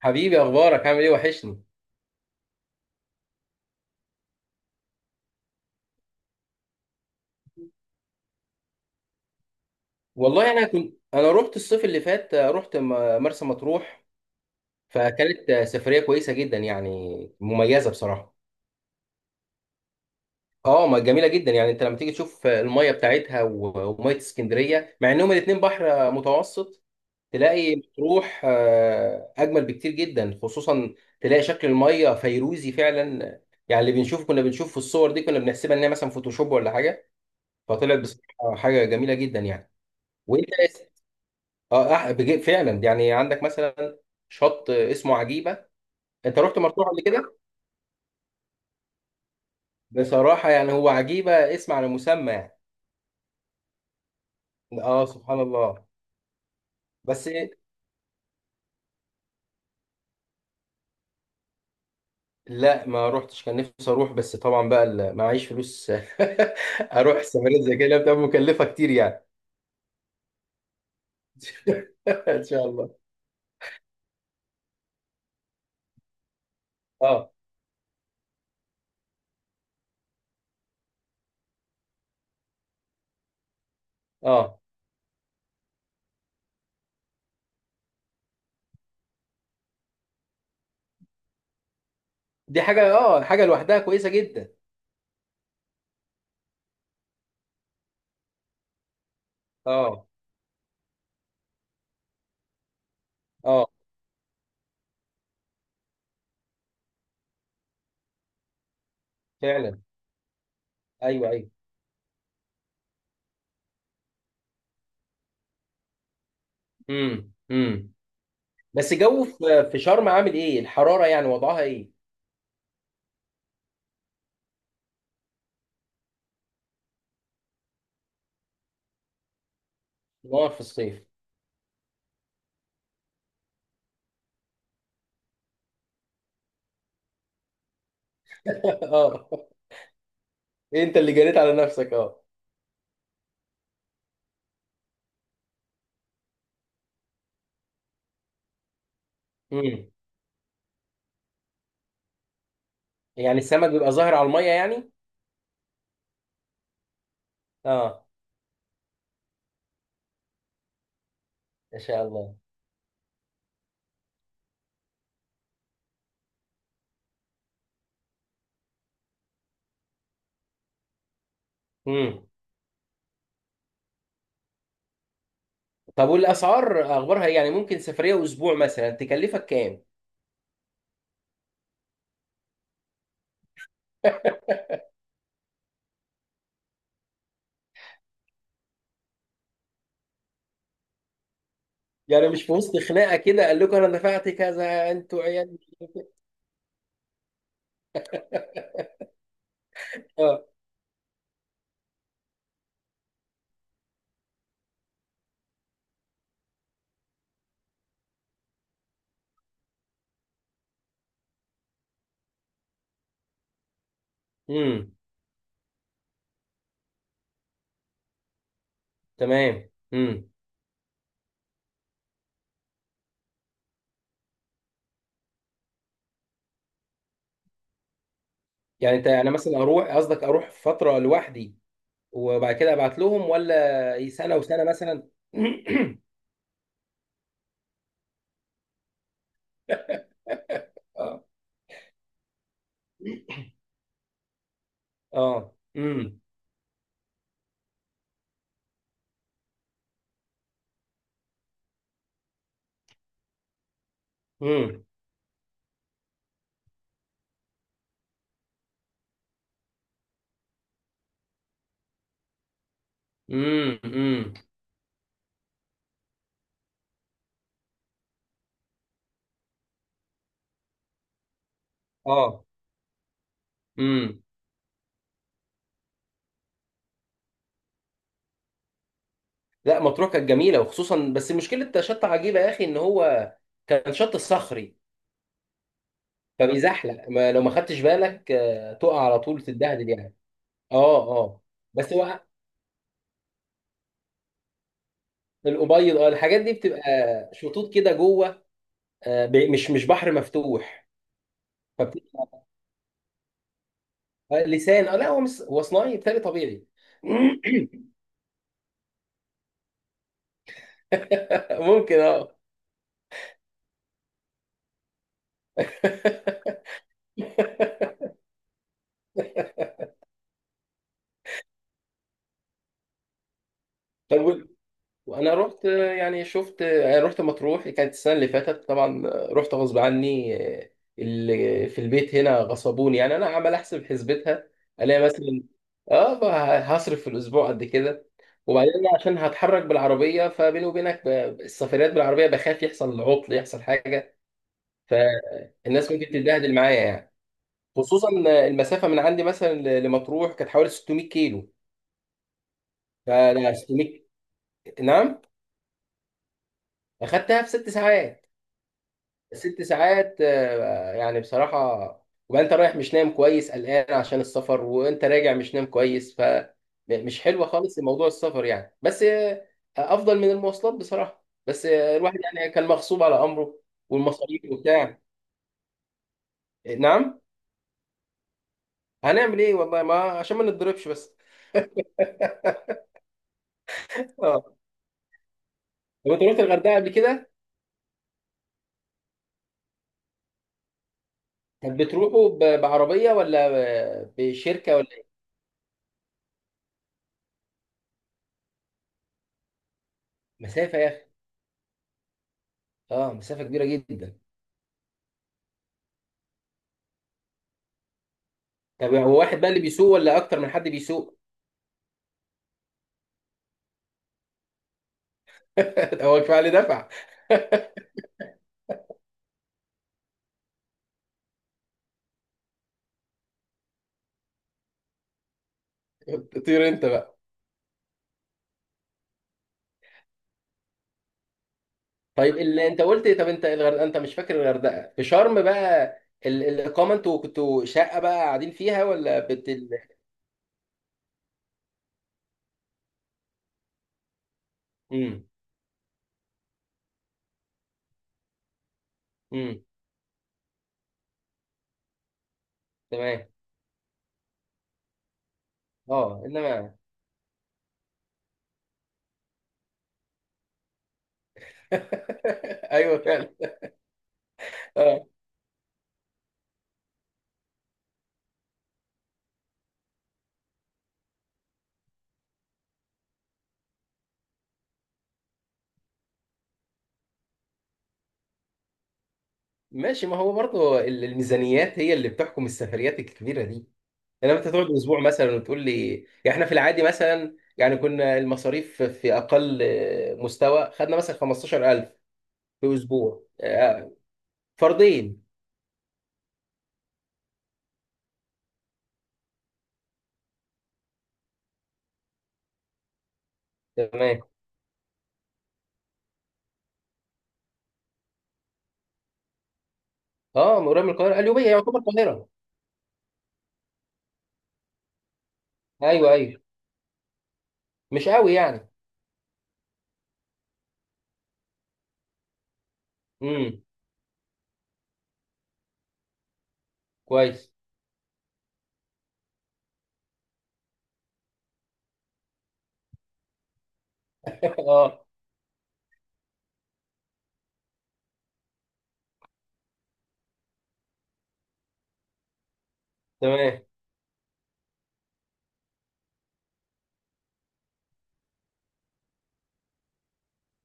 حبيبي، اخبارك؟ عامل ايه؟ وحشني. والله انا كنت انا رحت الصيف اللي فات، رحت مرسى مطروح. فكانت سفريه كويسه جدا، يعني مميزه بصراحه. اه، ما جميله جدا، يعني انت لما تيجي تشوف الميه بتاعتها وميه اسكندريه، مع انهم الاتنين بحر متوسط. تلاقي مطروح اجمل بكتير جدا، خصوصا تلاقي شكل الميه فيروزي فعلا. يعني اللي بنشوفه كنا بنشوف في الصور، دي كنا بنحسبها ان هي مثلا فوتوشوب ولا حاجه. فطلعت بصراحه حاجه جميله جدا يعني. وانت. اه، فعلا، يعني عندك مثلا شط اسمه عجيبه. انت رحت مطروح قبل كده؟ بصراحه يعني هو عجيبه اسم على مسمى يعني. اه، سبحان الله. بس. لا، ما روحتش، كان نفسي اروح، بس طبعا بقى معيش فلوس. اروح سفريه زي كده بتبقى مكلفه كتير يعني. ان شاء الله. اه، اه، دي حاجه لوحدها كويسه جدا. اه، اه، فعلا. ايوه، ايوه. امم، امم. بس جو في شرم عامل ايه الحراره، يعني وضعها ايه؟ نار في الصيف. اه، انت اللي جريت على نفسك، اه. امم. يعني السمك بيبقى ظاهر على الميه يعني؟ اه. ان شاء الله. امم. طب والاسعار اخبارها ايه؟ يعني ممكن سفريه اسبوع مثلا تكلفك كام؟ يعني مش في وسط خناقه كده قال لكم انا دفعت كذا انتوا عيال؟ اه، امم، تمام، امم. يعني انا مثلا اروح فتره لوحدي، وبعد كده ابعت لهم، ولا إيه، سنه وسنه مثلا؟ اه، اه، امم، امم، امم، امم، اه، امم. لا، مطروح كانت جميله، وخصوصا بس مشكله شط عجيبه يا اخي ان هو كان شط صخري. فبيزحلق، ما لو ما خدتش بالك تقع على طول تتبهدل يعني. اه، اه. بس هو الابيض، اه، الحاجات دي بتبقى شطوط كده جوه، مش بحر مفتوح. فبت... لسان، اه، لا هو مش، هو صناعي، بتاعي طبيعي. ممكن، اه. طب وانا رحت، يعني شفت، يعني رحت مطروح، كانت السنه اللي فاتت، طبعا رحت غصب عني، اللي في البيت هنا غصبوني. يعني انا عمال احسب، حسبتها الاقي مثلا، اه، بقى هصرف في الاسبوع قد كده. وبعدين أنا عشان هتحرك بالعربيه، فبيني وبينك السفريات بالعربيه بخاف يحصل عطل، يحصل حاجه، فالناس ممكن تتبهدل معايا يعني. خصوصا المسافه من عندي مثلا لمطروح كانت حوالي 600 كيلو. فانا 600. نعم. اخدتها في ست ساعات. ست ساعات، يعني بصراحة. وبقى انت رايح مش نايم كويس، قلقان عشان السفر، وانت راجع مش نايم كويس، فمش حلوة خالص موضوع السفر يعني، بس افضل من المواصلات بصراحة. بس الواحد يعني كان مغصوب على امره. والمصاريف وبتاع، نعم. هنعمل ايه، والله ما عشان ما نتضربش بس. اه. طب انت رحت الغردقة قبل كده؟ طب بتروحوا بعربية، ولا بشركة، ولا إيه؟ مسافة يا اخي، اه، مسافة كبيرة جدا. طب هو واحد بقى اللي بيسوق، ولا اكتر من حد بيسوق؟ هو كفايه اللي دفع. طير انت بقى. طيب، اللي انت قلت ايه؟ طب انت الغردقه، انت مش فاكر الغردقه، في شرم بقى الاقامه انتوا كنتوا شقه بقى قاعدين فيها، ولا امم، امم، تمام، اه، انما، ايوه فعلا. اه، ماشي. ما هو برضه الميزانيات هي اللي بتحكم السفريات الكبيره دي. انما انت تقعد اسبوع مثلا وتقول لي، يعني احنا في العادي مثلا، يعني كنا المصاريف في اقل مستوى، خدنا مثلا 15000 في اسبوع، فردين. تمام. اه، من قريب، من القاهره، اليوبيه يعتبر القاهره. ايوه، ايوه، مش قوي يعني. امم، كويس. اه، تمام.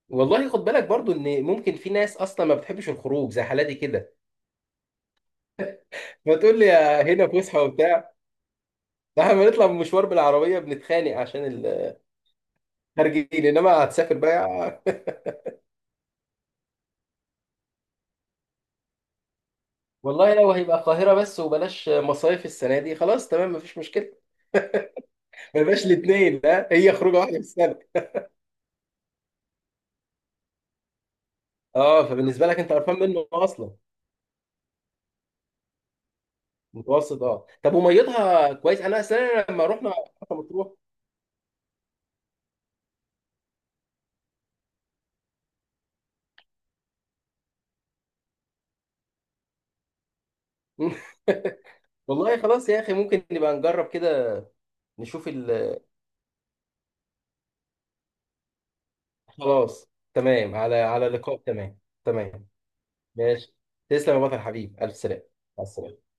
والله خد بالك برضو، ان ممكن في ناس اصلا ما بتحبش الخروج زي حالاتي كده، فتقول لي يا هنا فسحه وبتاع. ده احنا بنطلع من مشوار بالعربيه بنتخانق عشان الخارجين، انما هتسافر بقى. والله لو هيبقى القاهره بس وبلاش مصايف السنه دي، خلاص تمام، مفيش مشكله. ما بقاش الاثنين، لا، هي خروجه واحده في السنه. اه، فبالنسبه لك انت قرفان منه اصلا. متوسط، اه. طب وميتها كويس؟ انا اصل انا لما رحنا مرسى مطروح. والله خلاص يا اخي، ممكن نبقى نجرب كده، نشوف خلاص، تمام، على لقاء. تمام، تمام، ماشي. تسلم يا بطل، حبيب، الف سلامه. مع السلامه.